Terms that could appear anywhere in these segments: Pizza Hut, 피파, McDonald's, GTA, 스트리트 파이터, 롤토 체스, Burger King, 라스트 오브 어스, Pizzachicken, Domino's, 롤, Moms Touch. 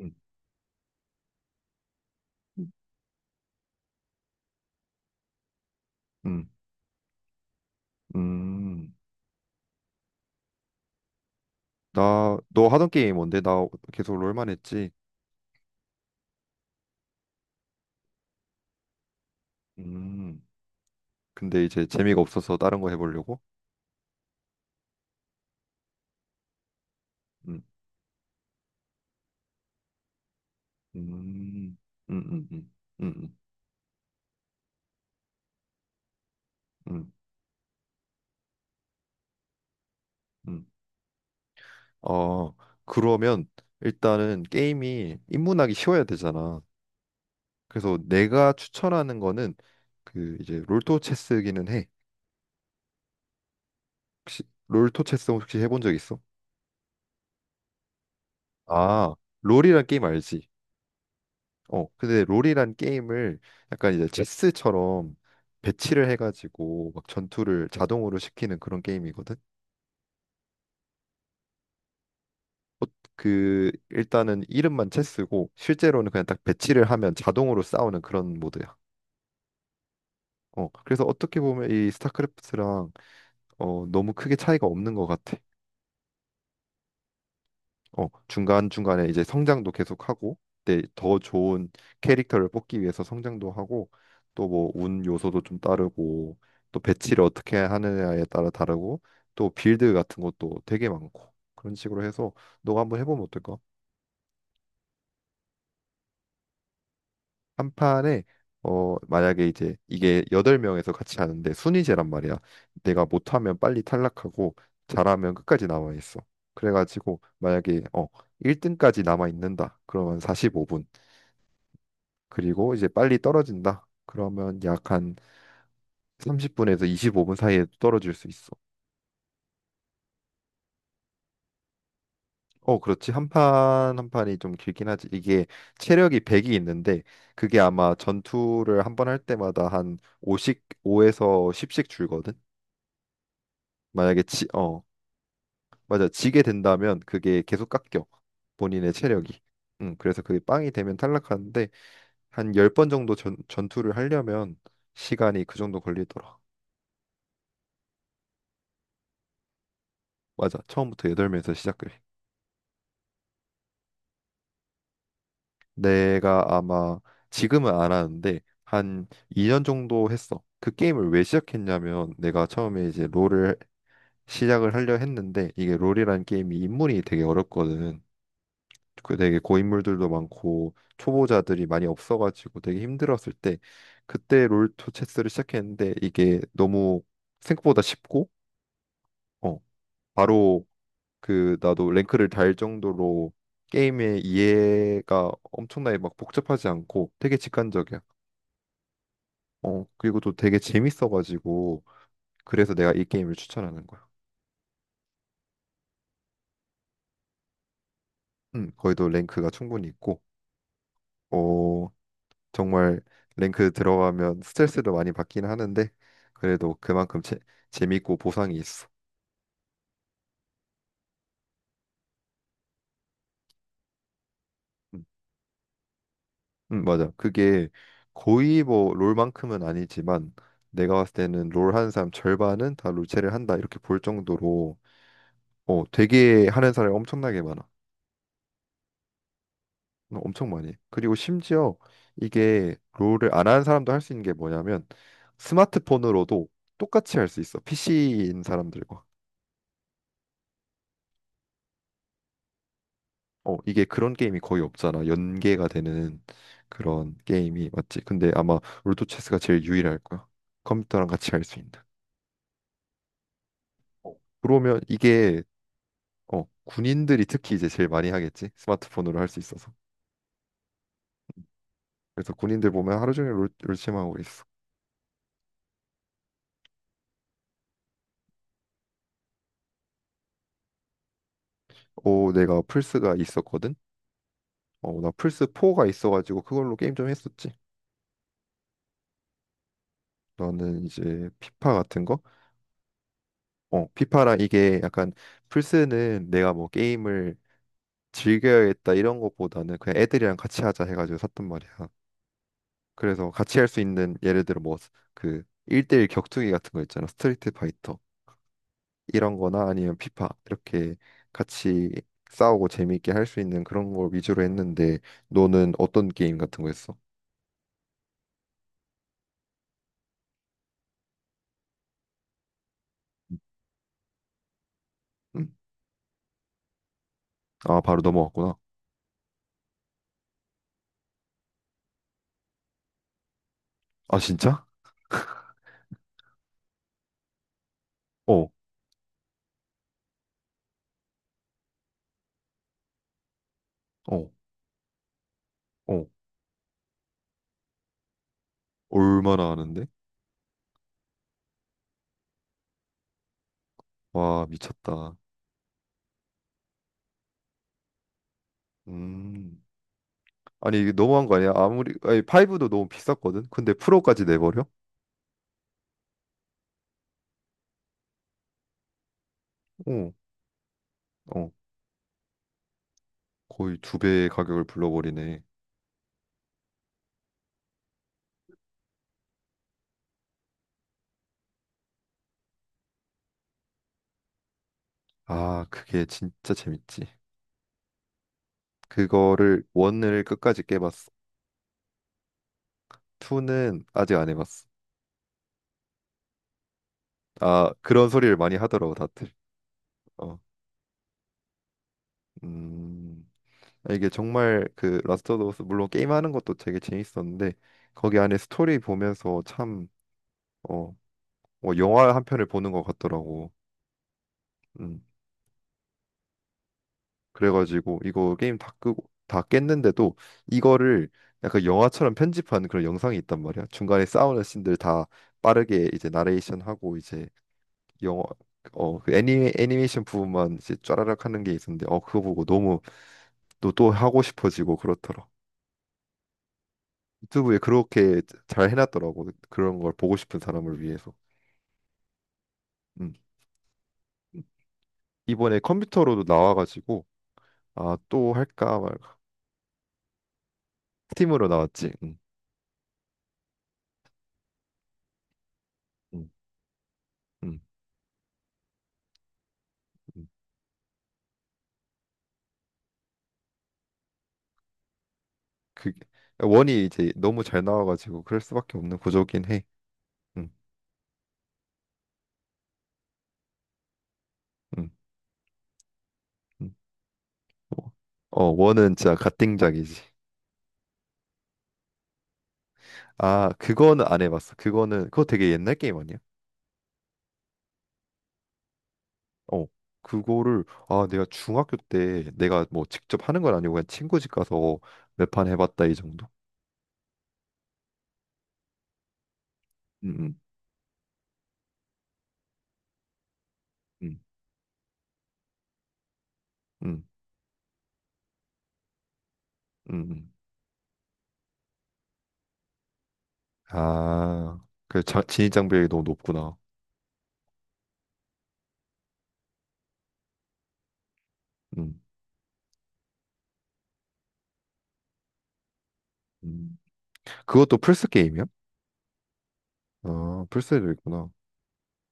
음, 음, 음. 너 하던 게임 뭔데? 나 계속 롤만 했지. 음, 근데 이제 재미가 없어서 다른 거 해보려고? 음, 음, 음, 음, 음, 음, 음, 음. 어, 그러면 일단은 게임이 입문하기 쉬워야 되잖아. 그래서 내가 추천하는 거는 그 이제 롤토 체스기는 해. 혹시 롤토 체스 혹시 해본 적 있어? 아, 롤이란 게임 알지? 근데 롤이란 게임을 약간 이제 체스처럼 배치를 해가지고 막 전투를 자동으로 시키는 그런 게임이거든. 어, 그 일단은 이름만 체스고 실제로는 그냥 딱 배치를 하면 자동으로 싸우는 그런 모드야. 그래서 어떻게 보면 이 스타크래프트랑 너무 크게 차이가 없는 것 같아. 중간중간에 이제 성장도 계속하고 근데 더 좋은 캐릭터를 뽑기 위해서 성장도 하고 또 뭐 운 요소도 좀 따르고 또 배치를 어떻게 하느냐에 따라 다르고 또 빌드 같은 것도 되게 많고 그런 식으로 해서 너가 한번 해보면 어떨까? 한 판에 만약에 이제 이게 여덟 명에서 같이 하는데 순위제란 말이야. 내가 못하면 빨리 탈락하고 잘하면 끝까지 남아 있어. 그래가지고 만약에 1등까지 남아 있는다. 그러면 45분. 그리고 이제 빨리 떨어진다. 그러면 약 한 30분에서 25분 사이에 떨어질 수 있어. 어, 그렇지. 한 판 한 판이 좀 길긴 하지. 이게 체력이 100이 있는데 그게 아마 전투를 한번 할 때마다 한 5씩 5에서 10씩 줄거든. 만약에 맞아. 지게 된다면 그게 계속 깎여. 본인의 체력이. 그래서 그게 빵이 되면 탈락하는데 한 10번 정도 전투를 하려면 시간이 그 정도 걸리더라. 맞아. 처음부터 8명에서 시작해. 내가 아마 지금은 안 하는데 한 2년 정도 했어. 그 게임을 왜 시작했냐면 내가 처음에 이제 롤을 시작을 하려 했는데 이게 롤이란 게임이 인물이 되게 어렵거든. 그 되게 고인물들도 많고 초보자들이 많이 없어가지고 되게 힘들었을 때 그때 롤토체스를 시작했는데 이게 너무 생각보다 쉽고 어 바로 그 나도 랭크를 달 정도로 게임의 이해가 엄청나게 막 복잡하지 않고 되게 직관적이야. 그리고 또 되게 재밌어가지고 그래서 내가 이 게임을 추천하는 거야. 거기도 랭크가 충분히 있고, 어, 정말 랭크 들어가면 스트레스도 많이 받긴 하는데 그래도 그만큼 재밌고 보상이 있어. 음, 맞아. 그게 거의 뭐 롤만큼은 아니지만 내가 봤을 때는 롤 하는 사람 절반은 다 롤체를 한다 이렇게 볼 정도로 되게 하는 사람이 엄청나게 많아. 엄청 많이. 해. 그리고 심지어 이게 롤을 안 하는 사람도 할 수 있는 게 뭐냐면 스마트폰으로도 똑같이 할 수 있어. PC인 사람들과. 이게 그런 게임이 거의 없잖아. 연계가 되는 그런 게임이 맞지? 근데 아마 롤토 체스가 제일 유일할 거야. 컴퓨터랑 같이 할 수 있는. 어, 그러면 이게 군인들이 특히 이제 제일 많이 하겠지. 스마트폰으로 할 수 있어서. 그래서 군인들 보면 하루 종일 롤, 롤 하고 있어. 오, 내가 플스가 있었거든. 나 플스 4가 있어가지고 그걸로 게임 좀 했었지. 너는 이제 피파 같은 거? 피파랑 이게 약간 플스는 내가 뭐 게임을 즐겨야겠다 이런 것보다는 그냥 애들이랑 같이 하자 해가지고 샀단 말이야. 그래서 같이 할 수 있는 예를 들어 뭐 그 1대1 격투기 같은 거 있잖아. 스트리트 파이터 이런 거나 아니면 피파 이렇게 같이 싸우고 재미있게 할 수 있는 그런 걸 위주로 했는데 너는 어떤 게임 같은 거 했어? 응? 아, 바로 넘어갔구나. 아, 진짜? 어. 어. 어, 얼마나 하는데? 와, 미쳤다. 음. 아니, 이게 너무한 거 아니야? 아무리, 아니, 5도 너무 비쌌거든? 근데 프로까지 내버려? 어, 어, 거의 두 배의 가격을 불러버리네. 아, 그게 진짜 재밌지. 원을 끝까지 깨봤어. 투는 아직 안 해봤어. 아, 그런 소리를 많이 하더라고, 다들. 어, 음. 아, 이게 정말 그, 라스트 오브 어스, 물론 게임하는 것도 되게 재밌었는데, 거기 안에 스토리 보면서 참, 어, 뭐 영화 한 편을 보는 것 같더라고. 음. 그래가지고 이거 게임 다 끄고 다 깼는데도 이거를 약간 영화처럼 편집한 그런 영상이 있단 말이야. 중간에 싸우는 씬들 다 빠르게 이제 나레이션 하고 이제 영화 어그 애니 애니메이션 부분만 이제 쫘라락 하는 게 있었는데 그거 보고 너무 또 또 하고 싶어지고 그렇더라. 유튜브에 그렇게 잘 해놨더라고. 그런 걸 보고 싶은 사람을 위해서. 음. 이번에 컴퓨터로도 나와가지고 아 또 할까 말까 스팀으로 나왔지. 음. 음, 음, 음. 그 원이 이제 너무 잘 나와가지고 그럴 수밖에 없는 구조긴 해. 음, 음, 음. 뭐. 원은 진짜 갓띵작이지. 아, 그거는 안 해봤어. 그거는 그거 되게 옛날 게임 아니야? 어, 그거를 아 내가 중학교 때 내가 뭐 직접 하는 건 아니고 그냥 친구 집 가서 몇 판 해봤다 이 정도. 음, 음, 음, 음, 음. 음. 아, 그 진입 장벽이 너무 높구나. 음, 음. 그것도 플스 게임이야? 아, 플스에도 있구나.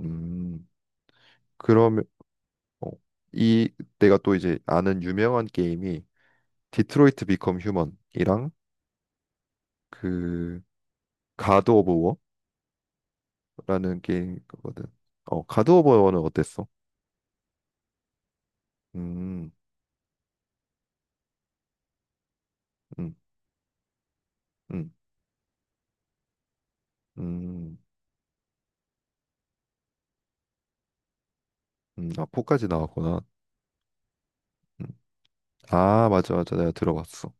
음. 그러면 어, 이 내가 또 이제 아는 유명한 게임이 디트로이트 비컴 휴먼이랑 그 가드 오브 워라는 게임이거든. 가드 오브 워는 어땠어? 음, 음, 음, 음, 아, 4까지 나왔구나. 음. 아, 맞아, 맞아. 내가 들어봤어.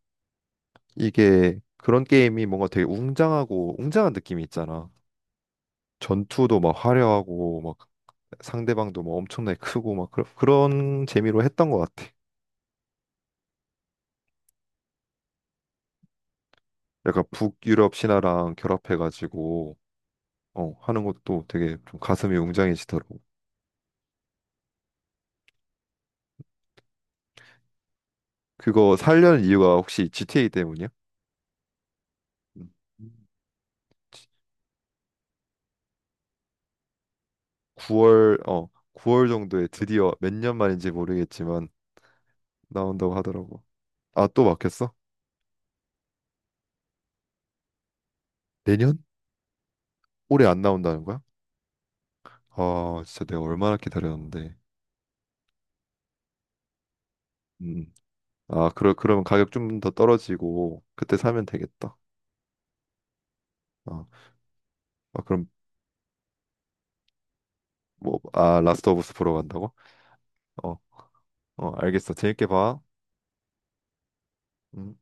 이게 그런 게임이 뭔가 되게 웅장하고 웅장한 느낌이 있잖아. 전투도 막 화려하고 막 상대방도 막 엄청나게 크고 막 그런 재미로 했던 것 같아. 약간 북유럽 신화랑 결합해가지고 하는 것도 되게 좀 가슴이 웅장해지더라고. 그거 살려는 이유가 혹시 GTA 때문이야? 음. 9월 정도에 드디어 몇 년 만인지 모르겠지만 나온다고 하더라고. 아 또 막혔어? 내년? 올해 안 나온다는 거야? 아 진짜 내가 얼마나 기다렸는데. 음. 아 그러면 가격 좀 더 떨어지고 그때 사면 되겠다. 어. 아 아, 그럼 뭐 아 라스트 오브 스 보러 간다고? 어 어 알겠어. 재밌게 봐. 음.